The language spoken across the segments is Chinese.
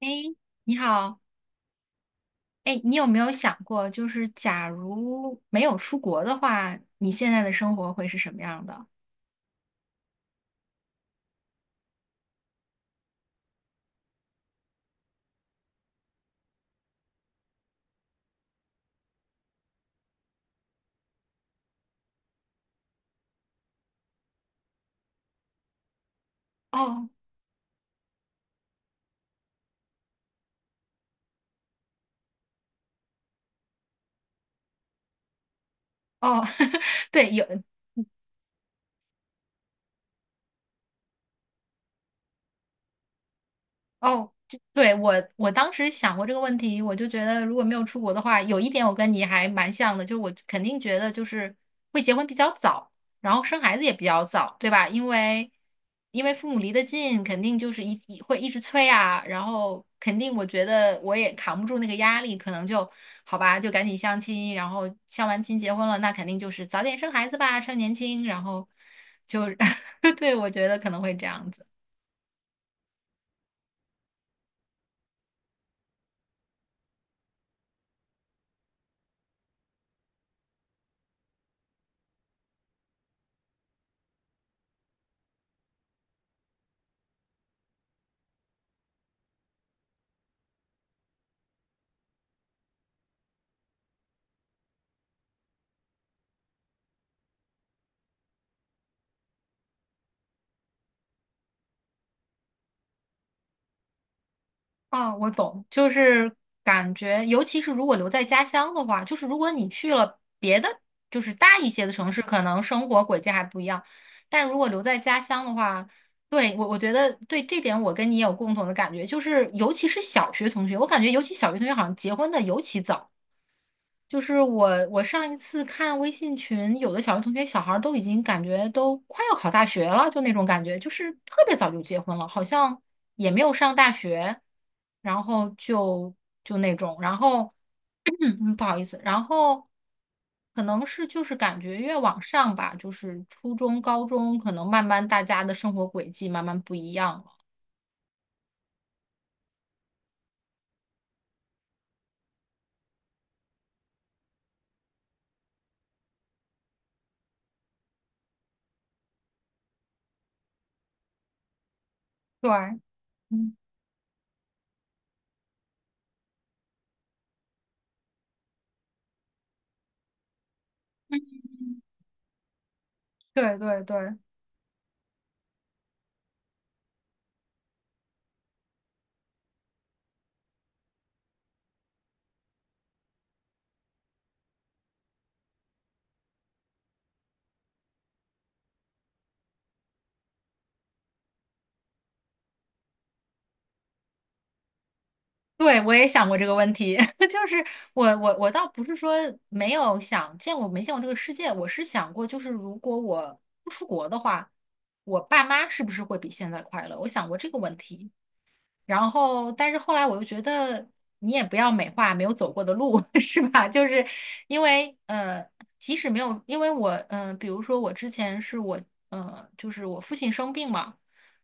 哎，你好，哎，你有没有想过，就是假如没有出国的话，你现在的生活会是什么样的？哦哦，对，有，哦，这对，我当时想过这个问题，我就觉得如果没有出国的话，有一点我跟你还蛮像的，就是我肯定觉得就是会结婚比较早，然后生孩子也比较早，对吧？因为父母离得近，肯定就是会一直催啊，然后肯定我觉得我也扛不住那个压力，可能就好吧，就赶紧相亲，然后相完亲结婚了，那肯定就是早点生孩子吧，趁年轻，然后就 对，我觉得可能会这样子。啊，我懂，就是感觉，尤其是如果留在家乡的话，就是如果你去了别的，就是大一些的城市，可能生活轨迹还不一样。但如果留在家乡的话，对，我觉得对这点我跟你也有共同的感觉，就是尤其是小学同学，我感觉尤其小学同学好像结婚的尤其早。就是我，我上一次看微信群，有的小学同学小孩儿都已经感觉都快要考大学了，就那种感觉，就是特别早就结婚了，好像也没有上大学，然后就那种，然后 不好意思，然后可能是就是感觉越往上吧，就是初中、高中，可能慢慢大家的生活轨迹慢慢不一样了。对，嗯，对对对。对，我也想过这个问题，就是我倒不是说没有想见过没见过这个世界，我是想过，就是如果我不出国的话，我爸妈是不是会比现在快乐？我想过这个问题，然后，但是后来我又觉得你也不要美化没有走过的路，是吧？就是因为即使没有，因为我，比如说我之前是我就是我父亲生病嘛，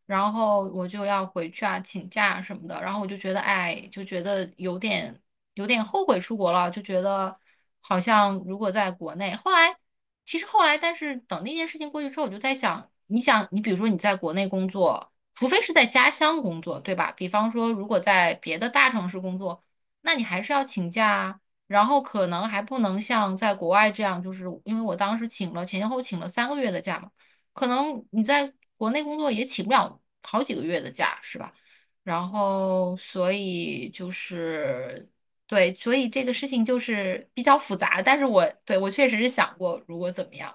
然后我就要回去啊，请假什么的，然后我就觉得哎，就觉得有点后悔出国了，就觉得好像如果在国内，其实后来，但是等那件事情过去之后，我就在想，你想，你比如说你在国内工作。除非是在家乡工作，对吧？比方说，如果在别的大城市工作，那你还是要请假啊，然后可能还不能像在国外这样，就是因为我当时请了前前后后请了三个月的假嘛，可能你在国内工作也请不了好几个月的假，是吧？然后，所以就是对，所以这个事情就是比较复杂，但是我确实是想过，如果怎么样，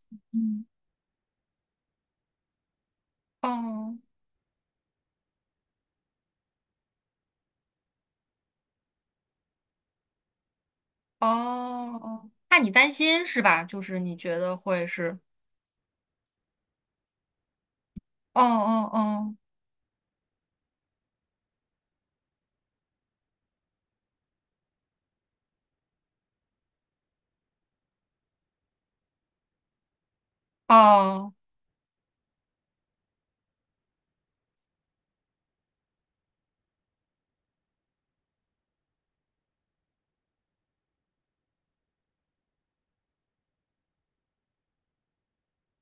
嗯，哦。哦哦，怕你担心是吧？就是你觉得会是，哦哦哦，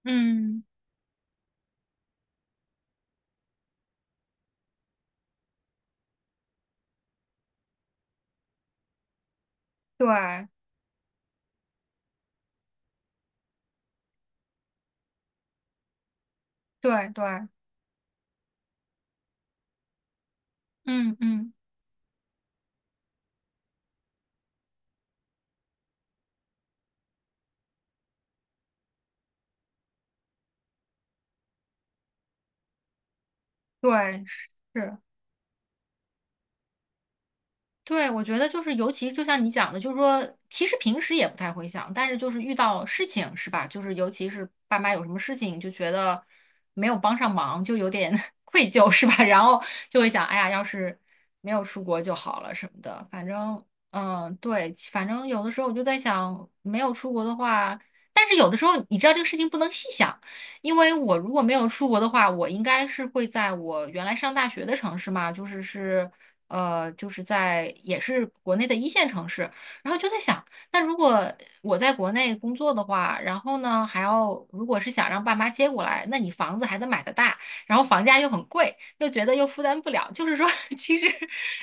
嗯，对对对，嗯嗯，对，是。对，我觉得就是，尤其就像你讲的，就是说，其实平时也不太会想，但是就是遇到事情是吧？就是尤其是爸妈有什么事情，就觉得没有帮上忙，就有点 愧疚是吧？然后就会想，哎呀，要是没有出国就好了什么的。反正，嗯，对，反正有的时候我就在想，没有出国的话，但是有的时候你知道这个事情不能细想，因为我如果没有出国的话，我应该是会在我原来上大学的城市嘛，就是是。呃，就是在也是国内的一线城市，然后就在想，那如果我在国内工作的话，然后呢还要如果是想让爸妈接过来，那你房子还得买得大，然后房价又很贵，又觉得又负担不了，就是说，其实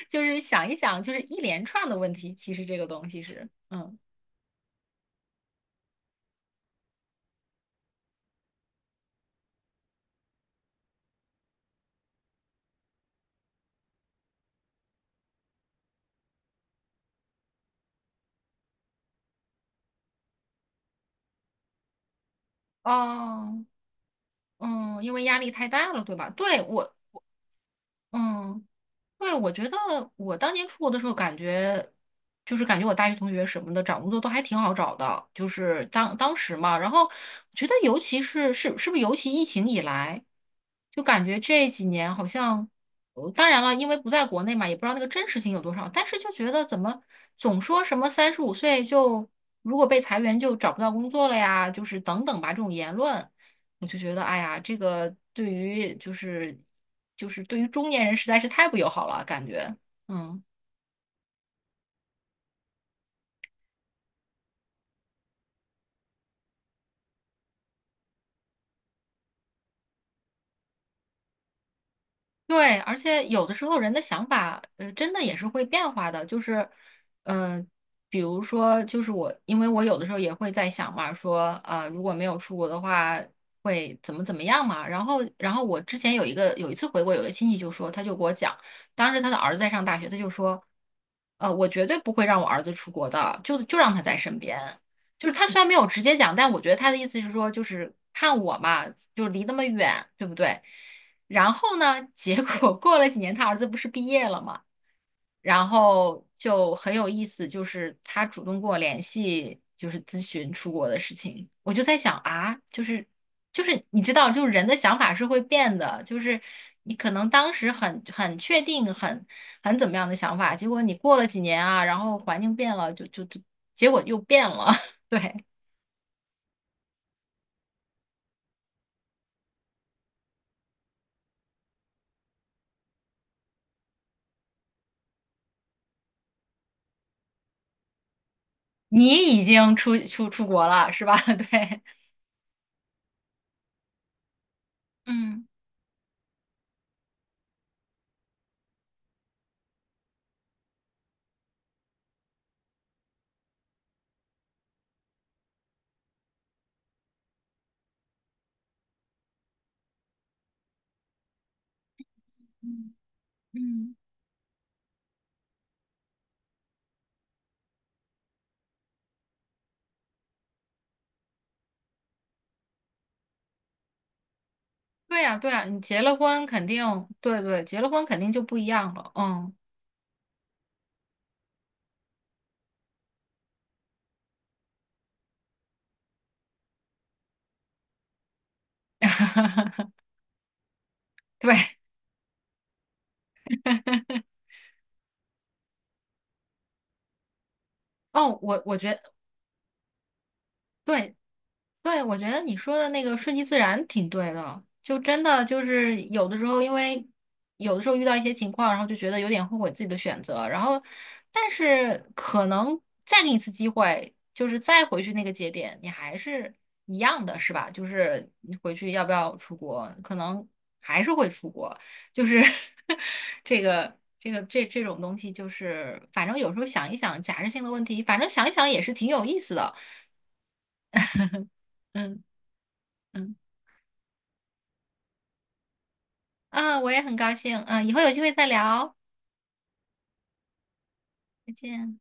就是想一想，就是一连串的问题，其实这个东西是，嗯，哦，嗯，因为压力太大了，对吧？对，我。嗯。对，我觉得我当年出国的时候，感觉就是感觉我大学同学什么的找工作都还挺好找的，就是当时嘛。然后我觉得，尤其是是不是尤其疫情以来，就感觉这几年好像，当然了，因为不在国内嘛，也不知道那个真实性有多少，但是就觉得怎么总说什么35岁就如果被裁员就找不到工作了呀，就是等等吧这种言论。我就觉得，哎呀，这个对于就是对于中年人实在是太不友好了，感觉，嗯。对，而且有的时候人的想法，真的也是会变化的。就是，嗯、比如说，就是我，因为我有的时候也会在想嘛，说，如果没有出国的话，会怎么怎么样嘛。然后，我之前有一个有一次回国，有个亲戚就说，他就给我讲，当时他的儿子在上大学，他就说，我绝对不会让我儿子出国的，就让他在身边。就是他虽然没有直接讲，但我觉得他的意思是说，就是看我嘛，就离那么远，对不对？然后呢，结果过了几年，他儿子不是毕业了嘛，然后就很有意思，就是他主动跟我联系，就是咨询出国的事情。我就在想啊，就是你知道，就是人的想法是会变的，就是你可能当时很确定、很怎么样的想法，结果你过了几年啊，然后环境变了，就结果又变了。对，你已经出国了，是吧？对，嗯。嗯。对呀，对呀，你结了婚肯定，对对，结了婚肯定就不一样了。嗯，对。哦，我觉得对，对，我觉得你说的那个顺其自然挺对的，就真的就是有的时候，因为有的时候遇到一些情况，然后就觉得有点后悔自己的选择，然后但是可能再给你一次机会，就是再回去那个节点，你还是一样的，是吧？就是你回去要不要出国，可能还是会出国，就是 这种东西，就是反正有时候想一想假设性的问题，反正想一想也是挺有意思的，嗯。嗯啊，我也很高兴。嗯，以后有机会再聊，再见。